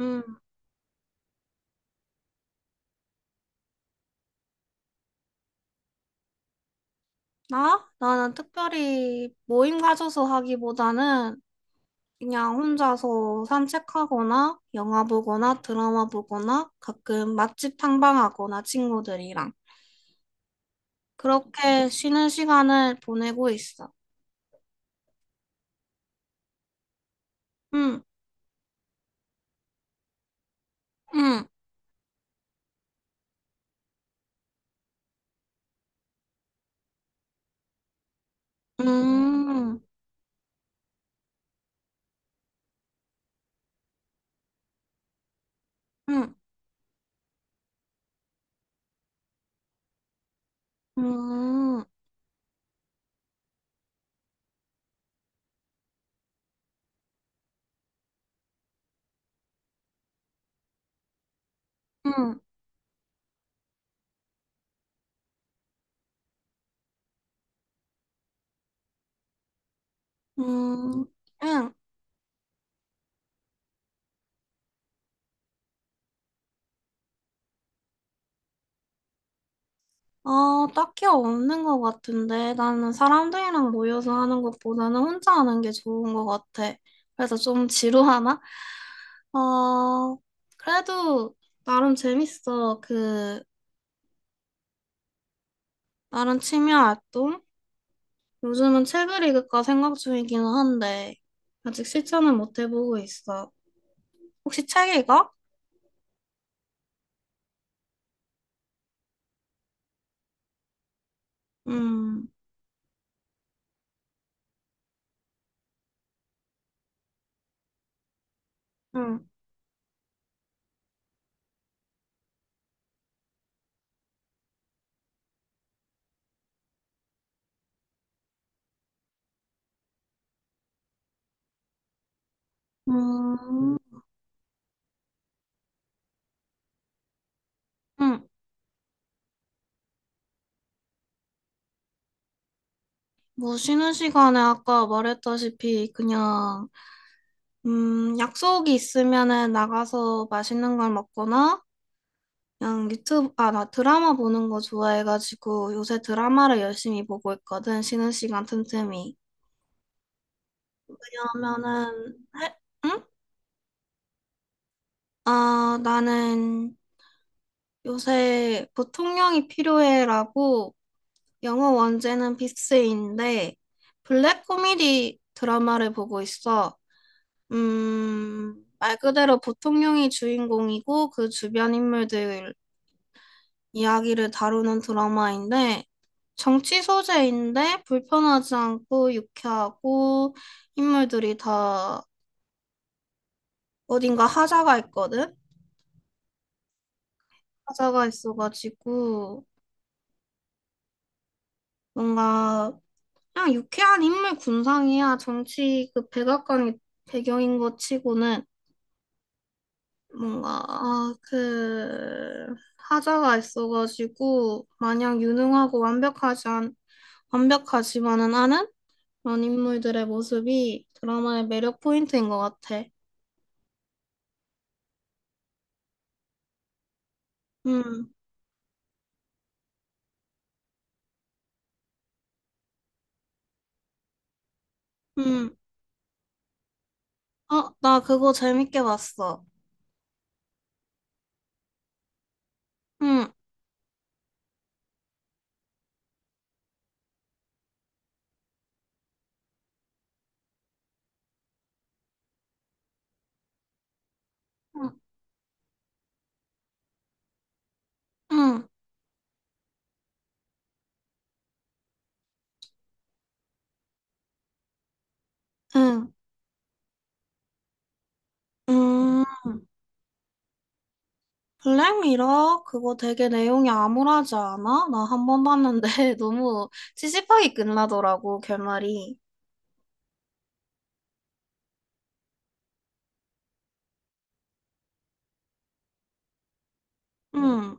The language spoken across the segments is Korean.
음, 나? 나는 특별히 모임 가져서 하기보다는 그냥 혼자서 산책하거나 영화 보거나 드라마 보거나 가끔 맛집 탐방하거나 친구들이랑 그렇게 쉬는 시간을 보내고 있어. 응. 응. 응. 응. 응. 응. 응. 응. 아, 딱히 없는 것 같은데. 나는 사람들이랑 모여서 하는 것보다는 혼자 하는 게 좋은 것 같아. 그래서 좀 지루하나? 어, 그래도 나름 재밌어. 그, 나름 취미 활동? 요즘은 책을 읽을까 생각 중이기는 한데, 아직 실천은 못 해보고 있어. 혹시 책 읽어? 음. 응. 음. 응. 뭐 쉬는 시간에 아까 말했다시피 그냥 약속이 있으면은 나가서 맛있는 걸 먹거나, 그냥 유튜브, 아, 나 드라마 보는 거 좋아해가지고 요새 드라마를 열심히 보고 있거든, 쉬는 시간 틈틈이. 왜냐하면은, 응? 아, 나는 요새 보통령이 필요해라고 영어 원제는 빅스인데, 블랙 코미디 드라마를 보고 있어. 말 그대로 보통령이 주인공이고 그 주변 인물들 이야기를 다루는 드라마인데 정치 소재인데 불편하지 않고 유쾌하고 인물들이 다 어딘가 하자가 있거든? 하자가 있어가지고 뭔가 그냥 유쾌한 인물 군상이야. 정치 그 백악관이 배경인 것 치고는 뭔가 하자가 있어가지고 마냥 유능하고 완벽하지만은 않은 그런 인물들의 모습이 드라마의 매력 포인트인 것 같아. 음. 음. 어, 나 그거 재밌게 봤어. 음. 음. 음. 음. 음, 블랙미러? 그거 되게 내용이 암울하지 않아? 나 한 번 봤는데 너무 찝찝하게 끝나더라고, 결말이. 음,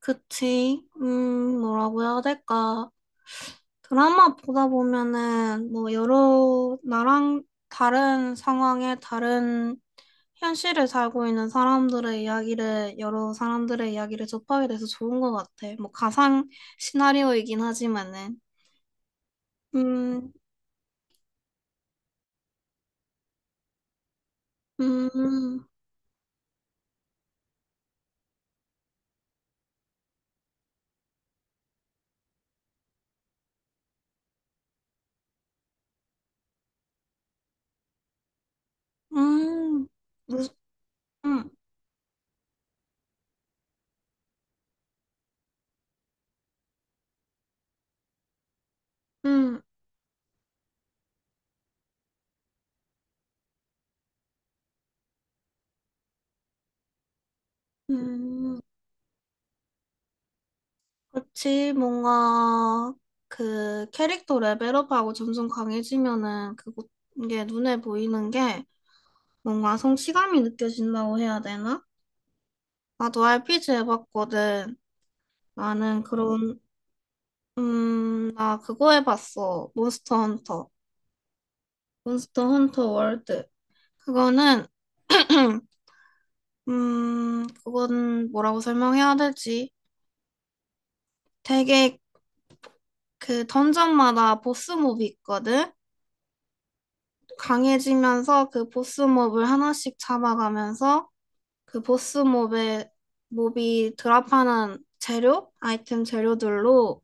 그치. 뭐라고 해야 될까. 드라마 보다 보면은 뭐 여러 나랑 다른 상황에 다른 현실을 살고 있는 사람들의 이야기를, 여러 사람들의 이야기를 접하게 돼서 좋은 것 같아. 뭐, 가상 시나리오이긴 하지만은. 음. 음. 음. 무슨, 음. 음. 음. 그렇지. 뭔가, 그, 캐릭터 레벨업하고 점점 강해지면은, 그거, 이게 눈에 보이는 게, 뭔가 성취감이 느껴진다고 해야 되나? 나도 RPG 해봤거든. 나는 그런 나 그거 해봤어. 몬스터 헌터. 몬스터 헌터 월드. 그거는, 그건 뭐라고 설명해야 될지. 되게 그 던전마다 보스몹이 있거든? 강해지면서 그 보스몹을 하나씩 잡아가면서 그 보스 몹의 몹이 드랍하는 재료, 아이템 재료들로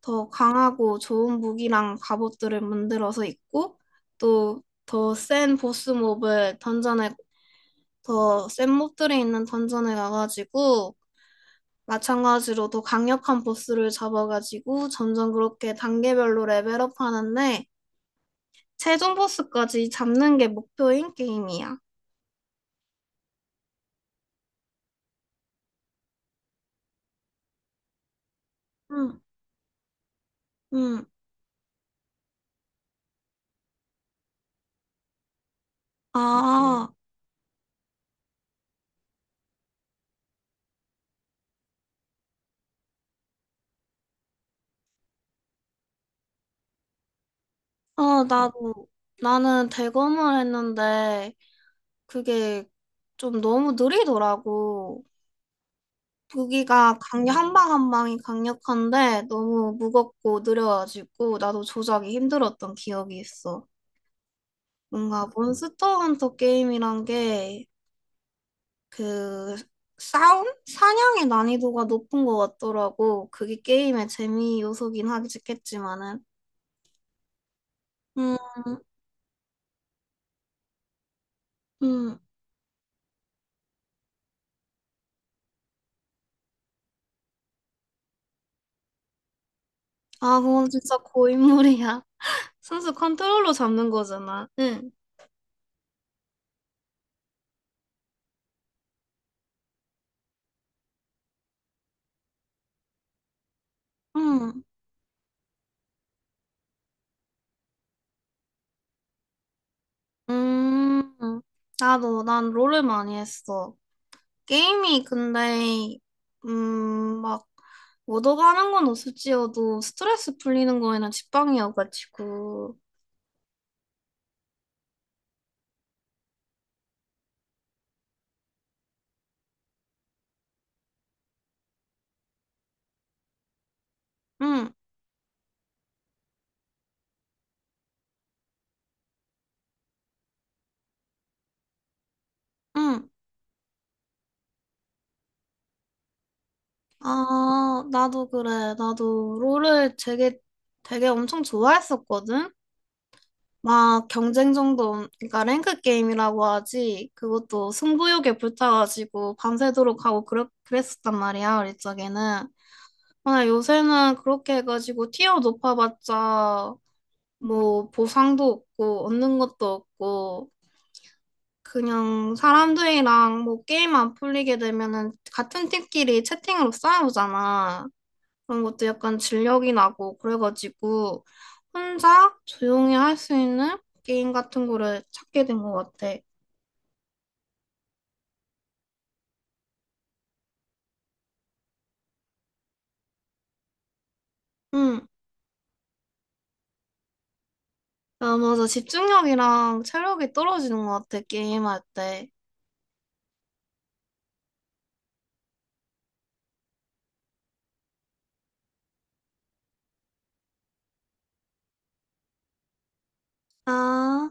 더 강하고 좋은 무기랑 갑옷들을 만들어서 입고 또 더 센 보스 몹을 던전에 더 센 몹들이 있는 던전에 가가지고 마찬가지로 더 강력한 보스를 잡아가지고 점점 그렇게 단계별로 레벨업 하는데 최종 보스까지 잡는 게 목표인 게임이야. 응. 응. 음. 아. 어, 나는 대검을 했는데, 그게 좀 너무 느리더라고. 무기가 한 방 한 방이 강력한데, 너무 무겁고 느려가지고, 나도 조작이 힘들었던 기억이 있어. 뭔가 몬스터 헌터 게임이란 게, 그, 싸움? 사냥의 난이도가 높은 것 같더라고. 그게 게임의 재미 요소긴 하겠지만은. 음. 음. 아, 그건 진짜 고인물이야. 선수 컨트롤러 잡는 거잖아. 응. 응. 음. 난 롤을 많이 했어. 게임이 근데, 막, 얻어가는 건 없을지어도 스트레스 풀리는 거에는 직방이어가지고. 응. 응. 아, 나도 그래. 나도 롤을 되게, 되게 엄청 좋아했었거든? 막 경쟁 정도, 그러니까 랭크 게임이라고 하지, 그것도 승부욕에 불타가지고 밤새도록 하고 그랬었단 말이야, 우리 쪽에는. 근데 요새는 그렇게 해가지고 티어 높아봤자 뭐 보상도 없고 얻는 것도 없고 그냥 사람들이랑 뭐 게임 안 풀리게 되면은 같은 팀끼리 채팅으로 싸우잖아. 그런 것도 약간 진력이 나고 그래가지고 혼자 조용히 할 수 있는 게임 같은 거를 찾게 된 것 같아. 응. 아, 맞아. 집중력이랑 체력이 떨어지는 것 같아, 게임할 때. 아.